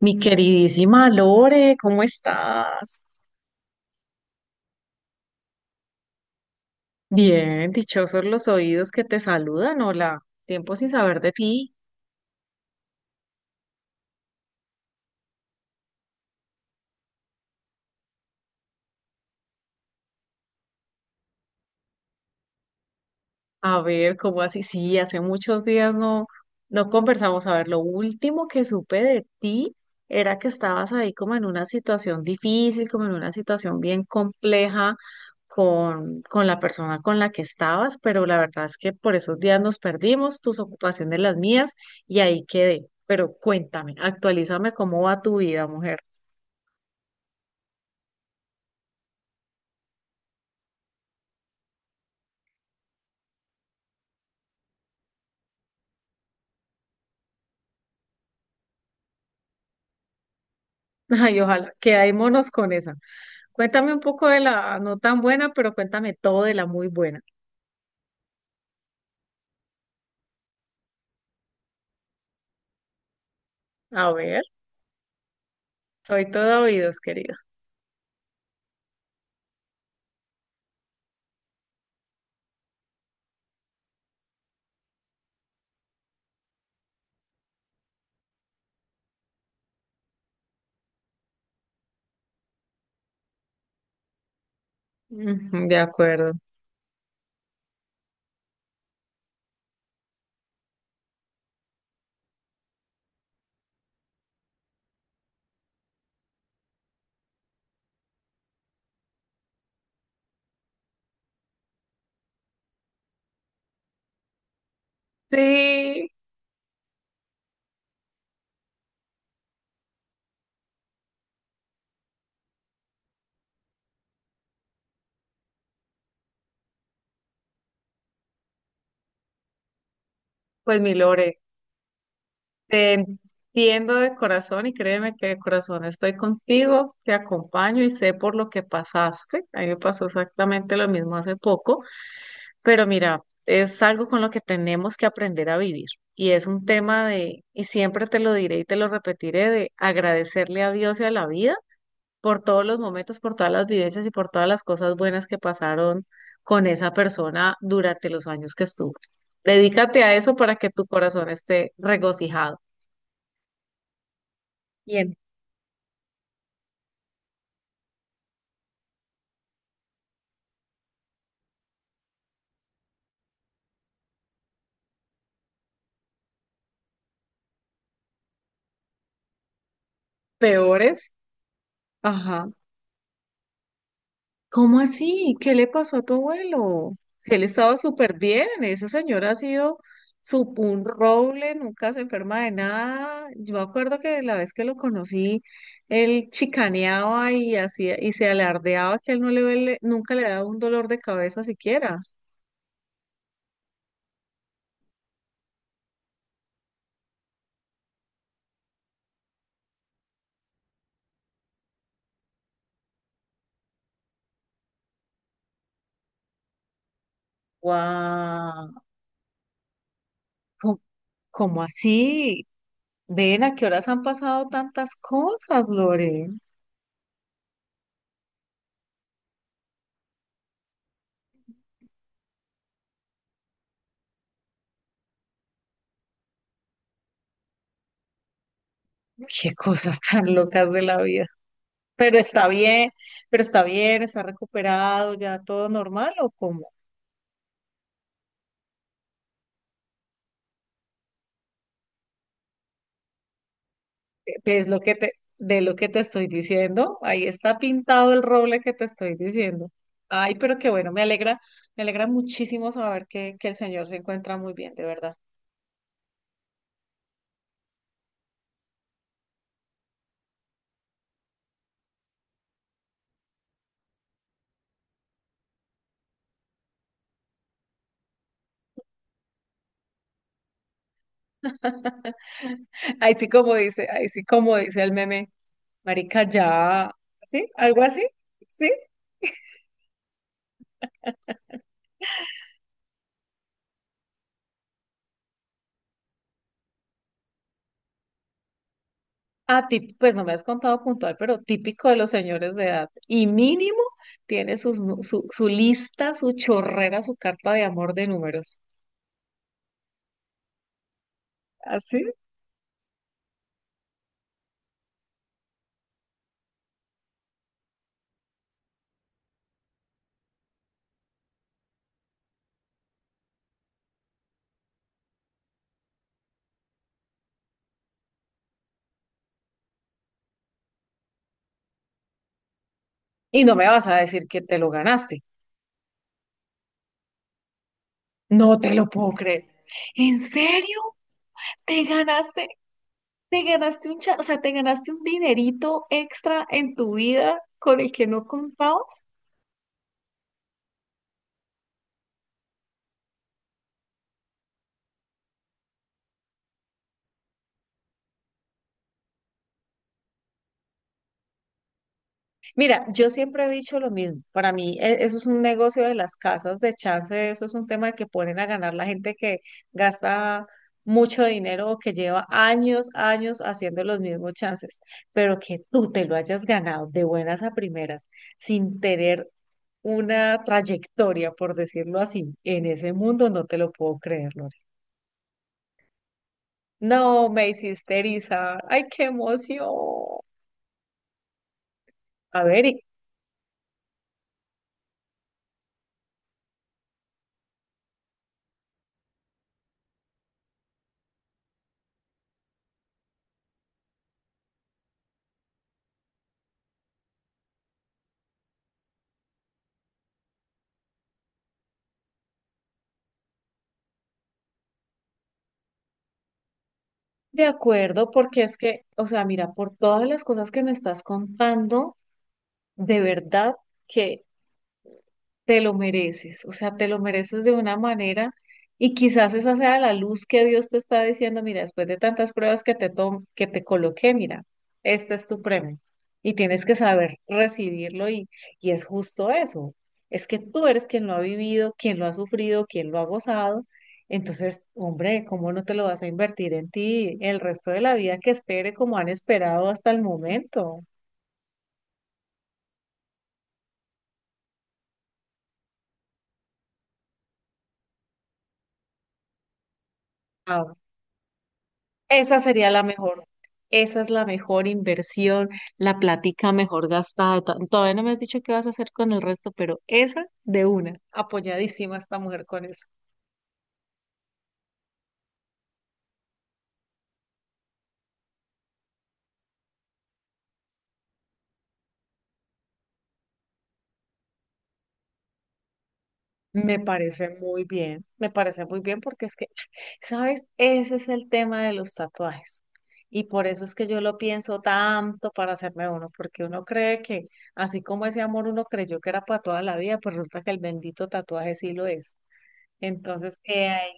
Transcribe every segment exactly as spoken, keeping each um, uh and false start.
Mi queridísima Lore, ¿cómo estás? Bien, dichosos los oídos que te saludan. Hola, tiempo sin saber de ti. A ver, ¿cómo así? Sí, hace muchos días no, no conversamos. A ver, lo último que supe de ti era que estabas ahí como en una situación difícil, como en una situación bien compleja con, con la persona con la que estabas, pero la verdad es que por esos días nos perdimos, tus ocupaciones, las mías, y ahí quedé. Pero cuéntame, actualízame cómo va tu vida, mujer. Ay, ojalá, quedémonos con esa. Cuéntame un poco de la no tan buena, pero cuéntame todo de la muy buena. A ver. Soy todo oídos, querido. Ujú, de acuerdo. Sí, pues mi Lore, te entiendo de corazón y créeme que de corazón estoy contigo, te acompaño y sé por lo que pasaste. A mí me pasó exactamente lo mismo hace poco, pero mira, es algo con lo que tenemos que aprender a vivir. Y es un tema de, y siempre te lo diré y te lo repetiré, de agradecerle a Dios y a la vida por todos los momentos, por todas las vivencias y por todas las cosas buenas que pasaron con esa persona durante los años que estuvo. Dedícate a eso para que tu corazón esté regocijado. Y en peores, ajá. ¿Cómo así? ¿Qué le pasó a tu abuelo? Él estaba súper bien, esa señora ha sido su, un roble, nunca se enferma de nada. Yo me acuerdo que la vez que lo conocí, él chicaneaba y hacía y se alardeaba que él no le duele- nunca le daba un dolor de cabeza siquiera. ¡Guau! ¿Cómo, cómo así? Ven, ¿a qué horas han pasado tantas cosas, Lore? Qué cosas tan locas de la vida. Pero está bien, pero está bien, ¿está recuperado, ya todo normal o cómo? Es lo que te, de lo que te estoy diciendo, ahí está pintado el roble que te estoy diciendo. Ay, pero qué bueno, me alegra, me alegra muchísimo saber que, que el señor se encuentra muy bien, de verdad. Ahí sí como dice, ahí sí como dice el meme, marica, ya, ¿sí? ¿Algo así? ¿Sí? Ah, tip- pues no me has contado puntual, pero típico de los señores de edad. Y mínimo tiene sus nu- su, su lista, su chorrera, su carta de amor de números. ¿Así? Y no me vas a decir que te lo ganaste. No te lo puedo creer. ¿En serio? ¿Te ganaste? ¿Te ganaste un cha- o sea, te ganaste un dinerito extra en tu vida con el que no contabas? Mira, yo siempre he dicho lo mismo. Para mí, e- eso es un negocio de las casas de chance, eso es un tema de que ponen a ganar la gente que gasta mucho dinero o que lleva años, años haciendo los mismos chances. Pero que tú te lo hayas ganado de buenas a primeras, sin tener una trayectoria, por decirlo así, en ese mundo, no te lo puedo creer, Lore. No, me hiciste erizar. ¡Ay, qué emoción! A ver, ¿y, de acuerdo, porque es que, o sea, mira, por todas las cosas que me estás contando, de verdad que te lo mereces, o sea, te lo mereces de una manera y quizás esa sea la luz que Dios te está diciendo, mira, después de tantas pruebas que te tom- que te coloqué, mira, este es tu premio y tienes que saber recibirlo y, y es justo eso, es que tú eres quien lo ha vivido, quien lo ha sufrido, quien lo ha gozado, entonces, hombre, ¿cómo no te lo vas a invertir en ti el resto de la vida que espere como han esperado hasta el momento? Esa sería la mejor. Esa es la mejor inversión, la plática mejor gastada. de to- Todavía no me has dicho qué vas a hacer con el resto, pero esa de una, apoyadísima esta mujer con eso. Me parece muy bien, me parece muy bien porque es que, ¿sabes? Ese es el tema de los tatuajes. Y por eso es que yo lo pienso tanto para hacerme uno, porque uno cree que, así como ese amor uno creyó que era para toda la vida, pues resulta que el bendito tatuaje sí lo es. Entonces, eh, ahí,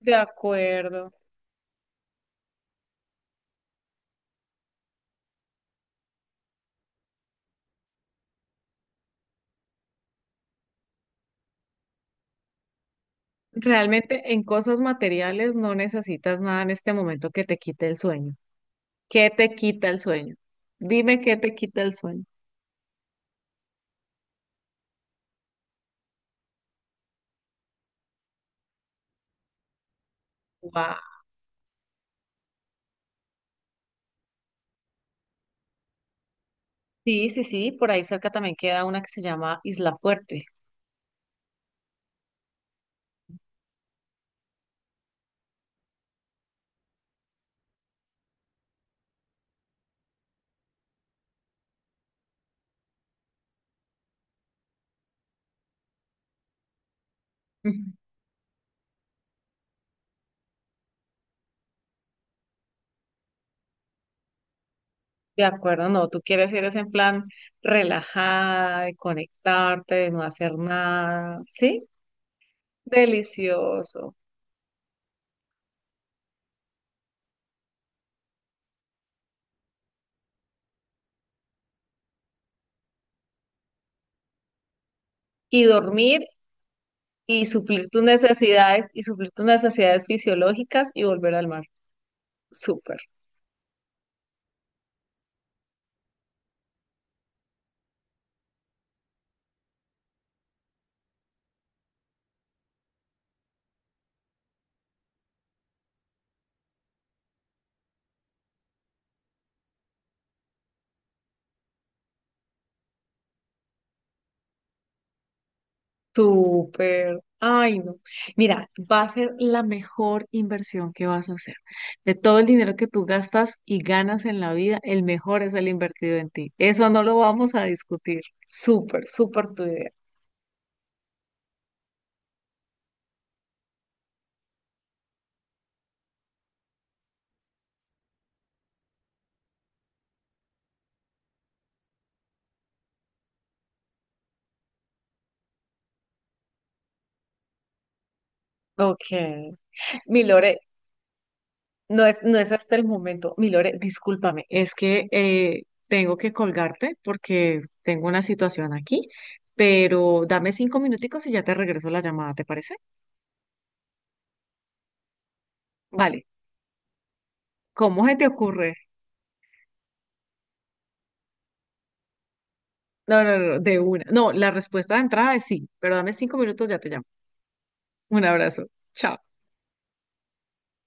de acuerdo. Realmente en cosas materiales no necesitas nada en este momento que te quite el sueño. ¿Qué te quita el sueño? Dime qué te quita el sueño. Guau. Sí, sí, sí, por ahí cerca también queda una que se llama Isla Fuerte. Ujú. De acuerdo, no, tú quieres ir es en plan relajada, de conectarte, de no hacer nada, ¿sí? Delicioso. Y dormir y suplir tus necesidades y suplir tus necesidades fisiológicas y volver al mar. Súper. Súper. Ay, no. Mira, va a ser la mejor inversión que vas a hacer. De todo el dinero que tú gastas y ganas en la vida, el mejor es el invertido en ti. Eso no lo vamos a discutir. Súper, súper tu idea. Ok. Mi Lore, no es, no es hasta el momento. Mi Lore, discúlpame, es que eh, tengo que colgarte porque tengo una situación aquí, pero dame cinco minuticos y ya te regreso la llamada, ¿te parece? Vale. ¿Cómo se te ocurre? No, no, no, de una. No, la respuesta de entrada es sí, pero dame cinco minutos, ya te llamo. Un abrazo. Chao.